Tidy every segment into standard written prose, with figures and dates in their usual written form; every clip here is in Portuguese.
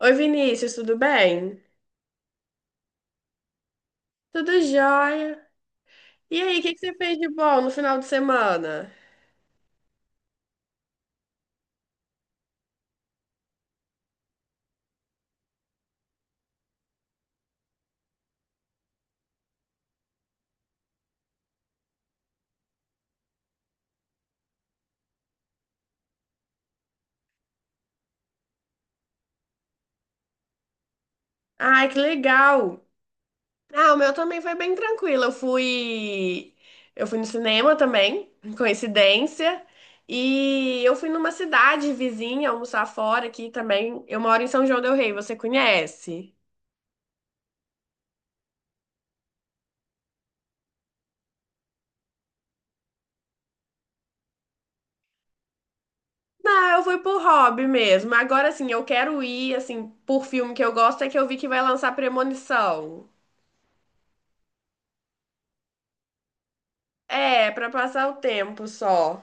Oi, Vinícius, tudo bem? Tudo jóia. E aí, o que você fez de bom no final de semana? Ai, que legal. Ah, o meu também foi bem tranquilo. Eu fui no cinema também, coincidência. E eu fui numa cidade vizinha almoçar fora aqui também. Eu moro em São João del Rei, você conhece? Não, eu fui por hobby mesmo. Agora, assim, eu quero ir, assim, por filme que eu gosto, é que eu vi que vai lançar Premonição. É, pra passar o tempo só.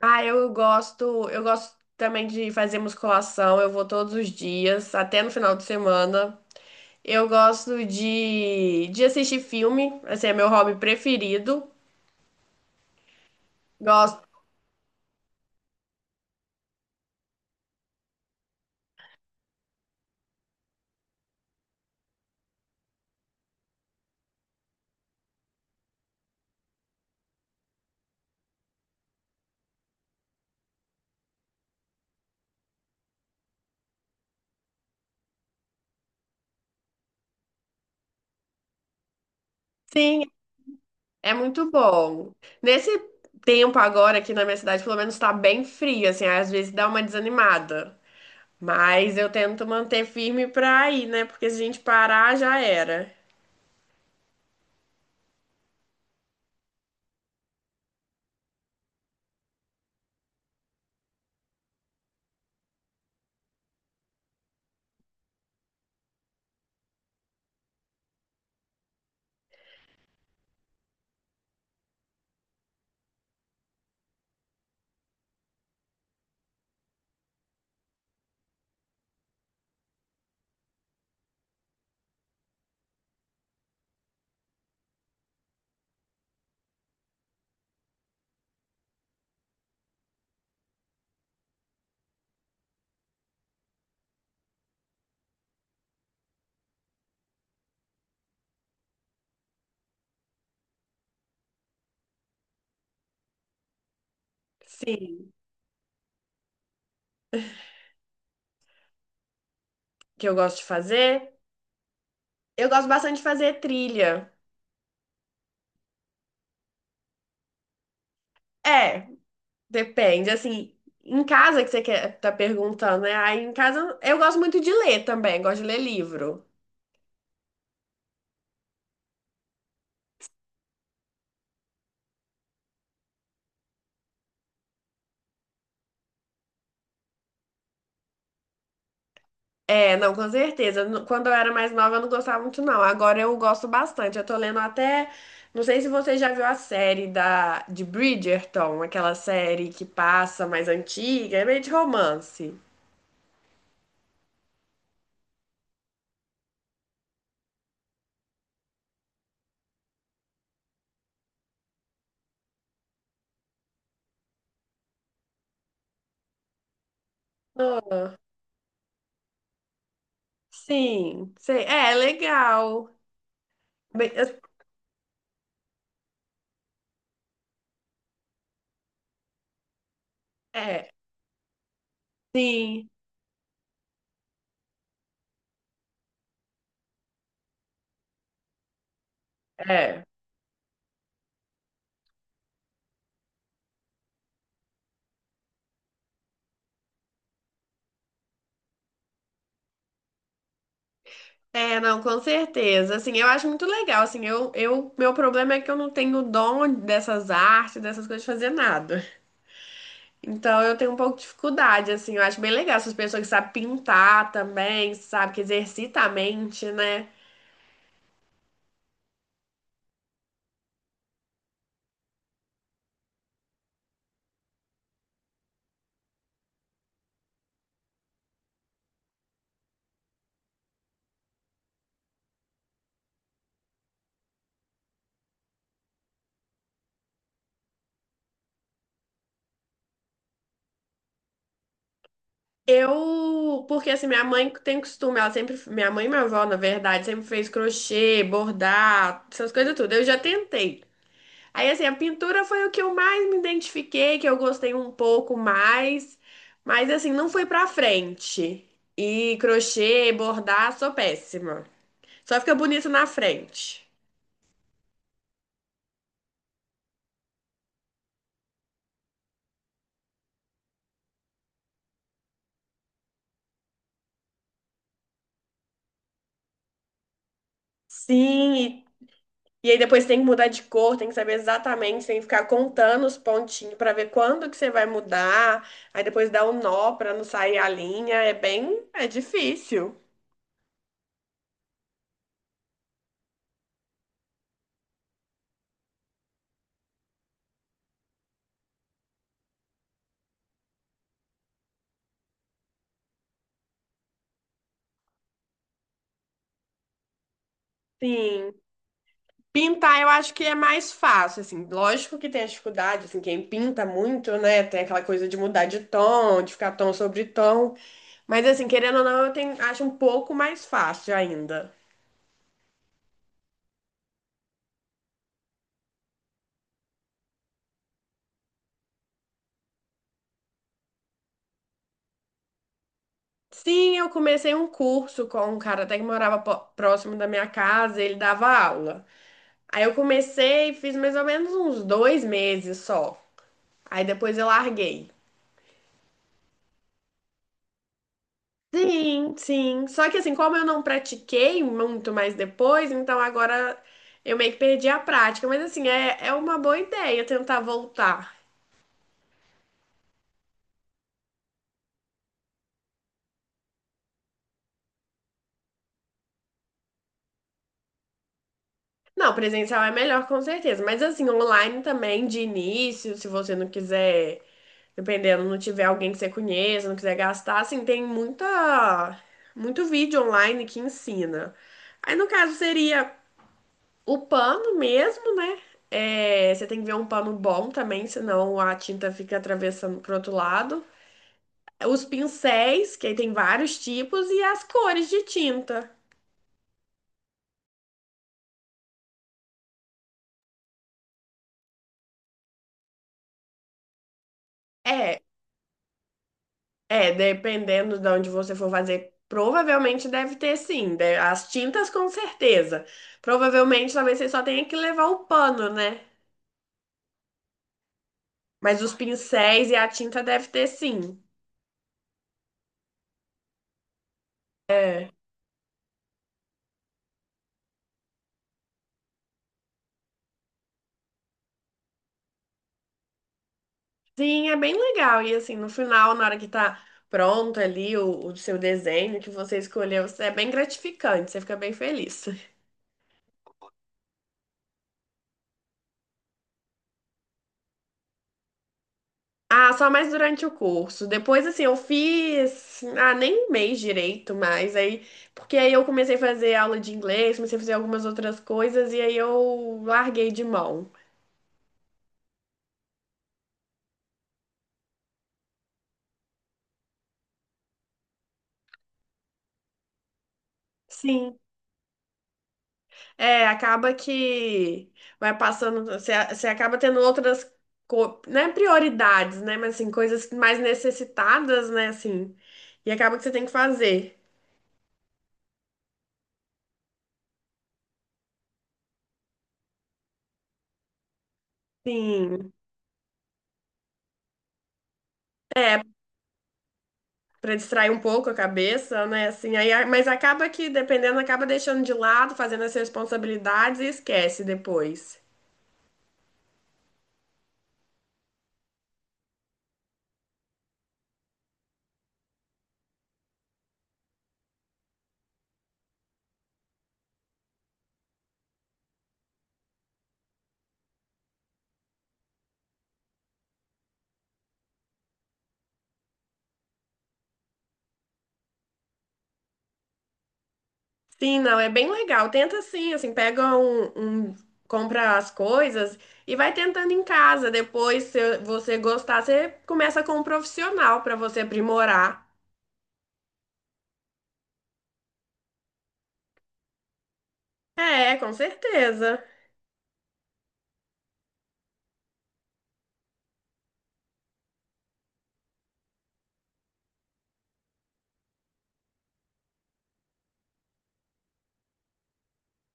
Ah, eu gosto também de fazer musculação, eu vou todos os dias, até no final de semana. Eu gosto de assistir filme, assim, é meu hobby preferido. Gosto, sim, é muito bom. Nesse tempo agora aqui na minha cidade, pelo menos tá bem frio, assim, às vezes dá uma desanimada. Mas eu tento manter firme pra ir, né? Porque se a gente parar, já era. Sim, que eu gosto de fazer. Eu gosto bastante de fazer trilha. É. Depende, assim, em casa que você quer, tá perguntando, né? Aí em casa eu gosto muito de ler também, gosto de ler livro. É, não, com certeza. Quando eu era mais nova eu não gostava muito, não. Agora eu gosto bastante. Eu tô lendo até. Não sei se você já viu a série de Bridgerton, aquela série que passa mais antiga, é meio de romance. Ah, sim, sei. É, legal. Bem, eu- É, sim. É. É, não, com certeza. Assim, eu acho muito legal. Assim, meu problema é que eu não tenho dom dessas artes, dessas coisas, de fazer nada. Então, eu tenho um pouco de dificuldade. Assim, eu acho bem legal essas pessoas que sabem pintar também, sabe, que exercita a mente, né? Eu, porque assim, minha mãe tem costume, ela sempre, minha mãe e minha avó, na verdade, sempre fez crochê, bordar, essas coisas tudo. Eu já tentei. Aí, assim, a pintura foi o que eu mais me identifiquei, que eu gostei um pouco mais, mas, assim, não foi pra frente. E crochê, bordar, sou péssima. Só fica bonito na frente. Sim, e aí depois tem que mudar de cor, tem que saber exatamente, tem que ficar contando os pontinhos pra ver quando que você vai mudar. Aí depois dá um nó pra não sair a linha. É bem, é difícil. Sim. Pintar eu acho que é mais fácil, assim, lógico que tem a dificuldade, assim, quem pinta muito, né, tem aquela coisa de mudar de tom, de ficar tom sobre tom, mas assim, querendo ou não, eu tenho, acho um pouco mais fácil ainda. Sim, eu comecei um curso com um cara até que morava próximo da minha casa, ele dava aula. Aí eu comecei, fiz mais ou menos uns dois meses só, aí depois eu larguei. Sim, sim. Só que assim, como eu não pratiquei muito mais depois, então agora eu meio que perdi a prática. Mas assim, é uma boa ideia tentar voltar. Não, presencial é melhor com certeza. Mas assim, online também, de início, se você não quiser, dependendo, não tiver alguém que você conheça, não quiser gastar, assim, tem muita, muito vídeo online que ensina. Aí no caso seria. O pano mesmo, né? É, você tem que ver um pano bom também, senão a tinta fica atravessando pro outro lado. Os pincéis, que aí tem vários tipos, e as cores de tinta. É, dependendo de onde você for fazer, provavelmente deve ter sim. As tintas com certeza. Provavelmente talvez você só tenha que levar o pano, né? Mas os pincéis e a tinta deve ter sim. É, Sim, é bem legal. E assim, no final, na hora que tá pronto ali o seu desenho que você escolheu, é bem gratificante, você fica bem feliz. Ah, só mais durante o curso. Depois, assim, eu fiz. Ah, nem um mês direito, mas aí. Porque aí eu comecei a fazer aula de inglês, comecei a fazer algumas outras coisas, e aí eu larguei de mão. Sim. É, acaba que vai passando, você acaba tendo outras, né, prioridades, né, mas assim, coisas mais necessitadas, né, assim, e acaba que você tem que fazer. Sim, é, para distrair um pouco a cabeça, né, assim, aí, mas acaba que, dependendo, acaba deixando de lado, fazendo as responsabilidades e esquece depois. Sim, não, é bem legal. Tenta assim, assim, pega compra as coisas e vai tentando em casa. Depois, se você gostar, você começa com um profissional para você aprimorar. É, com certeza.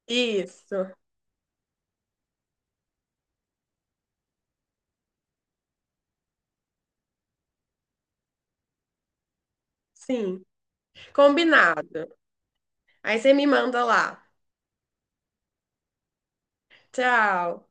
Isso. Sim. Combinado. Aí você me manda lá. Tchau.